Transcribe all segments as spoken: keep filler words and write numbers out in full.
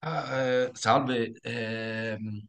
Ah, eh, salve, ehm,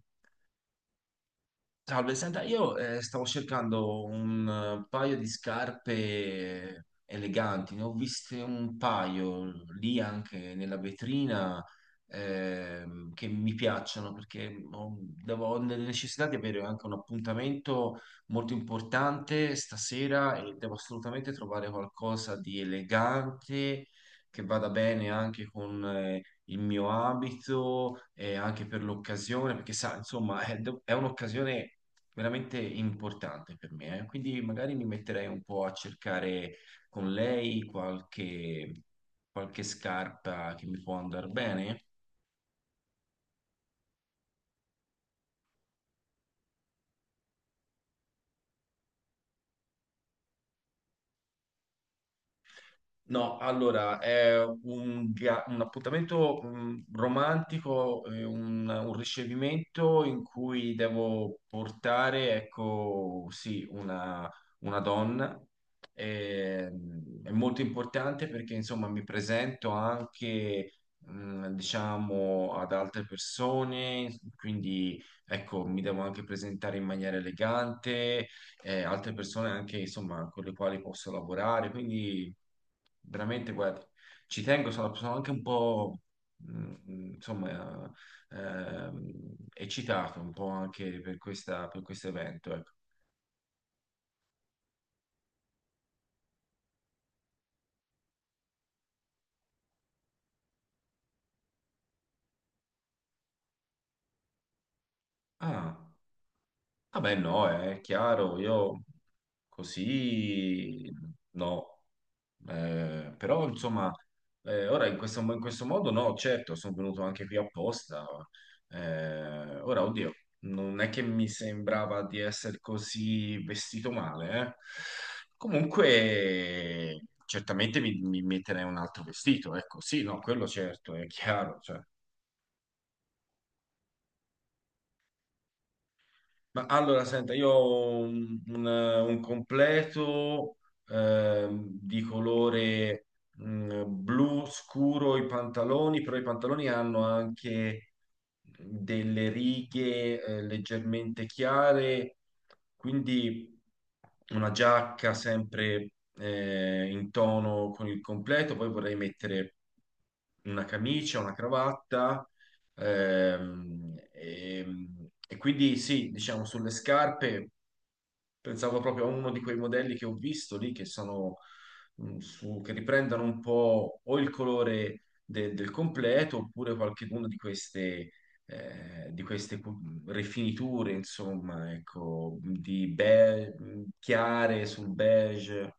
salve, senta, io eh, stavo cercando un eh, paio di scarpe eleganti, ne ho viste un paio lì anche nella vetrina ehm, che mi piacciono perché ho, devo- ho la necessità di avere anche un appuntamento molto importante stasera e devo assolutamente trovare qualcosa di elegante che vada bene anche con eh, il mio abito e anche per l'occasione, perché sa, insomma, è, do- è un'occasione veramente importante per me, eh. Quindi magari mi metterei un po' a cercare con lei qualche, qualche scarpa che mi può andare bene. No, allora è un, ga- un appuntamento mm, romantico, eh, un, un ricevimento in cui devo portare, ecco, sì, una, una donna. E, mm, è molto importante perché, insomma, mi presento anche, mm, diciamo, ad altre persone, quindi, ecco, mi devo anche presentare in maniera elegante eh, altre persone anche insomma con le quali posso lavorare. Quindi veramente, guarda, ci tengo, sono, sono anche un po' mh, insomma ehm, eccitato un po' anche per questa, per questo evento. Ecco. Ah, vabbè, no, è chiaro, io così no. Eh, però insomma, eh, ora in questo, in questo modo no, certo, sono venuto anche qui apposta. Eh, ora, oddio, non è che mi sembrava di essere così vestito male, eh. Comunque, certamente mi, mi metterei un altro vestito, ecco, sì, no, quello certo, è chiaro, cioè. Ma allora, senta, io ho un, un- un completo ehm, di colore mh, blu scuro i pantaloni, però i pantaloni hanno anche delle righe eh, leggermente chiare, quindi una giacca sempre eh, in tono con il completo, poi vorrei mettere una camicia, una cravatta. Ehm, ehm, e quindi sì, diciamo sulle scarpe. Pensavo proprio a uno di quei modelli che ho visto lì, che sono mh, su, che riprendono un po' o il colore de- del completo, oppure qualcuno di queste, eh, di queste cu- rifiniture, insomma, ecco, di be- chiare sul beige.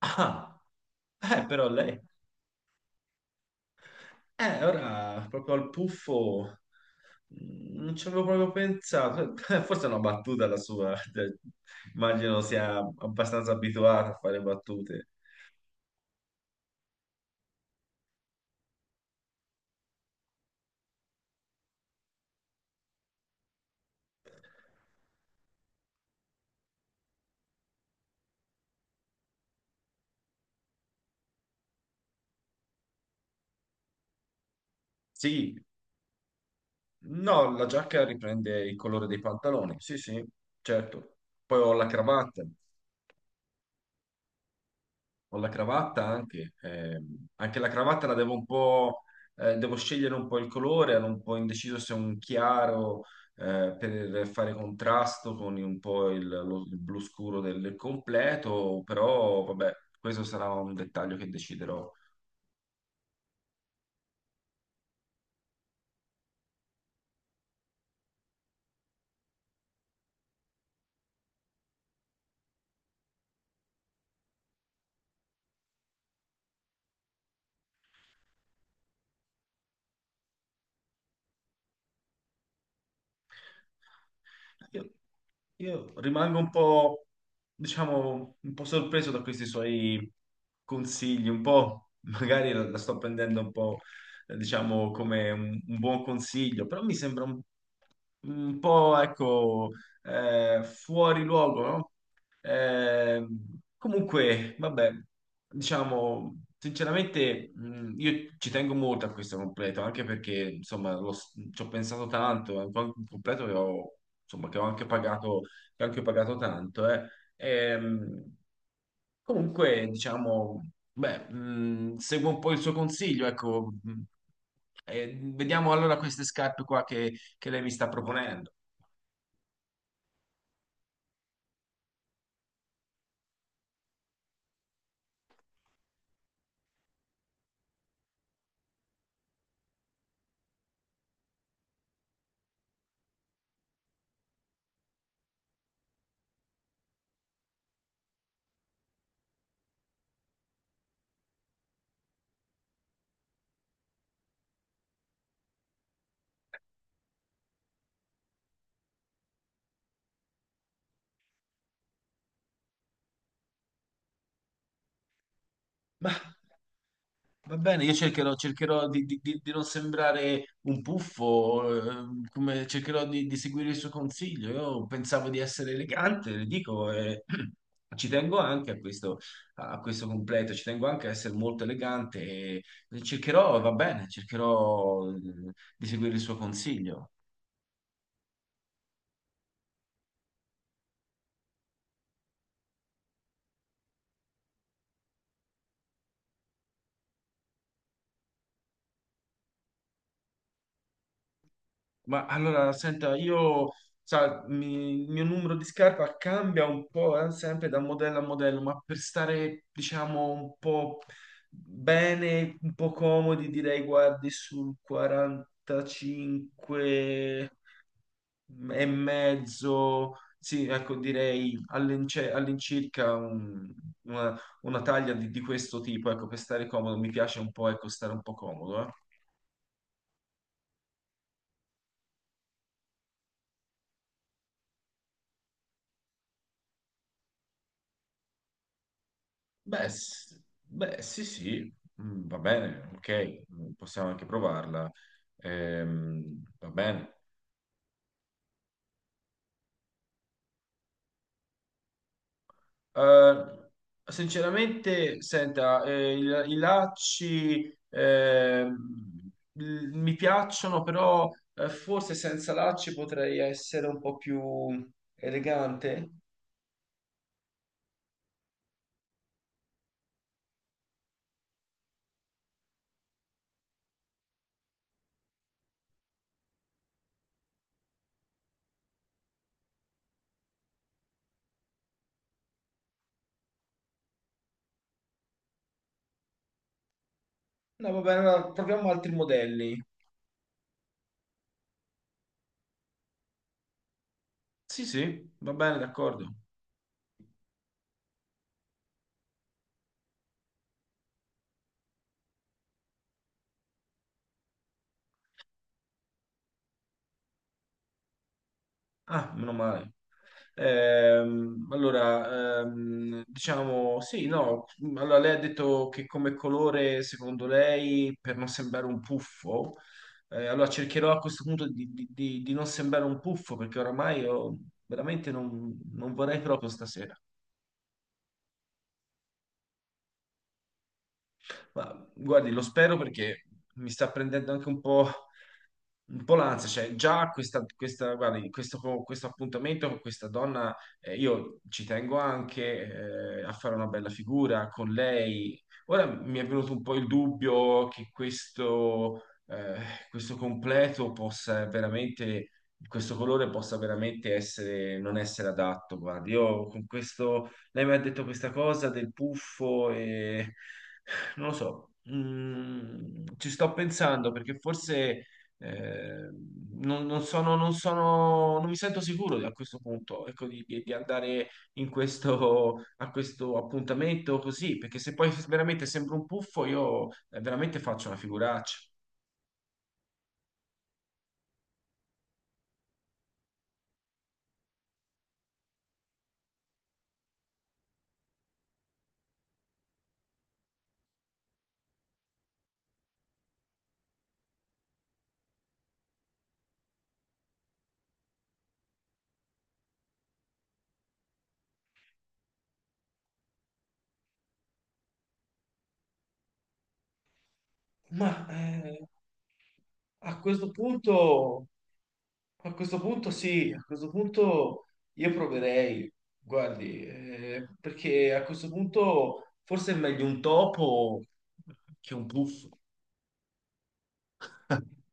Ah, eh, però lei. Eh, ora proprio al puffo mh, non ci avevo proprio pensato. Forse è una battuta la sua. Cioè, immagino sia abbastanza abituata a fare battute. Sì, no, la giacca riprende il colore dei pantaloni. Sì, sì, certo. Poi ho la cravatta. Ho la cravatta anche, ehm, anche la cravatta la devo un po', eh, devo scegliere un po' il colore, ero un po' indeciso se un chiaro eh, per fare contrasto con un po' il, lo- il blu scuro del, del completo, però vabbè, questo sarà un dettaglio che deciderò. Io, io rimango un po', diciamo, un po' sorpreso da questi suoi consigli, un po', magari la, la sto prendendo un po', eh, diciamo, come un, un buon consiglio, però mi sembra un, un po', ecco, eh, fuori luogo, no? Ehm, Comunque, vabbè, diciamo, sinceramente, mh, io ci tengo molto a questo completo, anche perché, insomma, lo s- ci ho pensato tanto, è un po' un completo che ho, insomma, che ho anche pagato, che ho anche pagato tanto, eh. Ehm, Comunque, diciamo, beh, mh, seguo un po' il suo consiglio, ecco, mh, e vediamo allora queste scarpe qua che che lei mi sta proponendo. Va bene, io cercherò, cercherò di, di- di- di non sembrare un puffo, eh, come- cercherò di, di seguire il suo consiglio. Io pensavo di essere elegante, le dico, e ci tengo anche a questo, a questo completo, ci tengo anche a essere molto elegante e cercherò, va bene, cercherò eh, di seguire il suo consiglio. Ma allora, senta, io, sa, mi- il mio numero di scarpa cambia un po', eh, sempre da modello a modello, ma per stare, diciamo, un po' bene, un po' comodi, direi guardi sul quarantacinque e mezzo, sì, ecco, direi all'ince- all'incirca un- una, una taglia di, di questo tipo, ecco, per stare comodo, mi piace un po', ecco, stare un po' comodo, eh. Beh, s- Beh, sì, sì, mm, va bene, ok, mm, possiamo anche provarla. Ehm, va bene. Eh, sinceramente, senta, eh, il- i lacci ehm, l- mi piacciono, però eh, forse senza lacci potrei essere un po' più elegante. No, va bene, allora proviamo altri modelli. Sì, sì, va bene, d'accordo. Ah, meno male. Ehm, allora, ehm, diciamo, sì, no, allora lei ha detto che come colore, secondo lei, per non sembrare un puffo, eh, allora cercherò a questo punto di, di- di- di non sembrare un puffo, perché oramai io veramente non non vorrei proprio stasera. Ma guardi, lo spero perché mi sta prendendo anche un po', un po' l'ansia, cioè già questa, questa, guardi, questo, questo appuntamento con questa donna, eh, io ci tengo anche eh, a fare una bella figura con lei. Ora mi è venuto un po' il dubbio che questo, eh, questo completo possa veramente, questo colore possa veramente essere, non essere adatto. Guardi, io con questo, lei mi ha detto questa cosa del puffo e... Non lo so, mm, ci sto pensando perché forse eh, non, non sono, non sono, non mi sento sicuro a questo punto, ecco, di, di- di andare in questo, a questo appuntamento così, perché se poi veramente sembro un puffo, io eh, veramente faccio una figuraccia. Ma eh, a questo punto. A questo punto sì, a questo punto io proverei, guardi, eh, perché a questo punto forse è meglio un topo che un puff.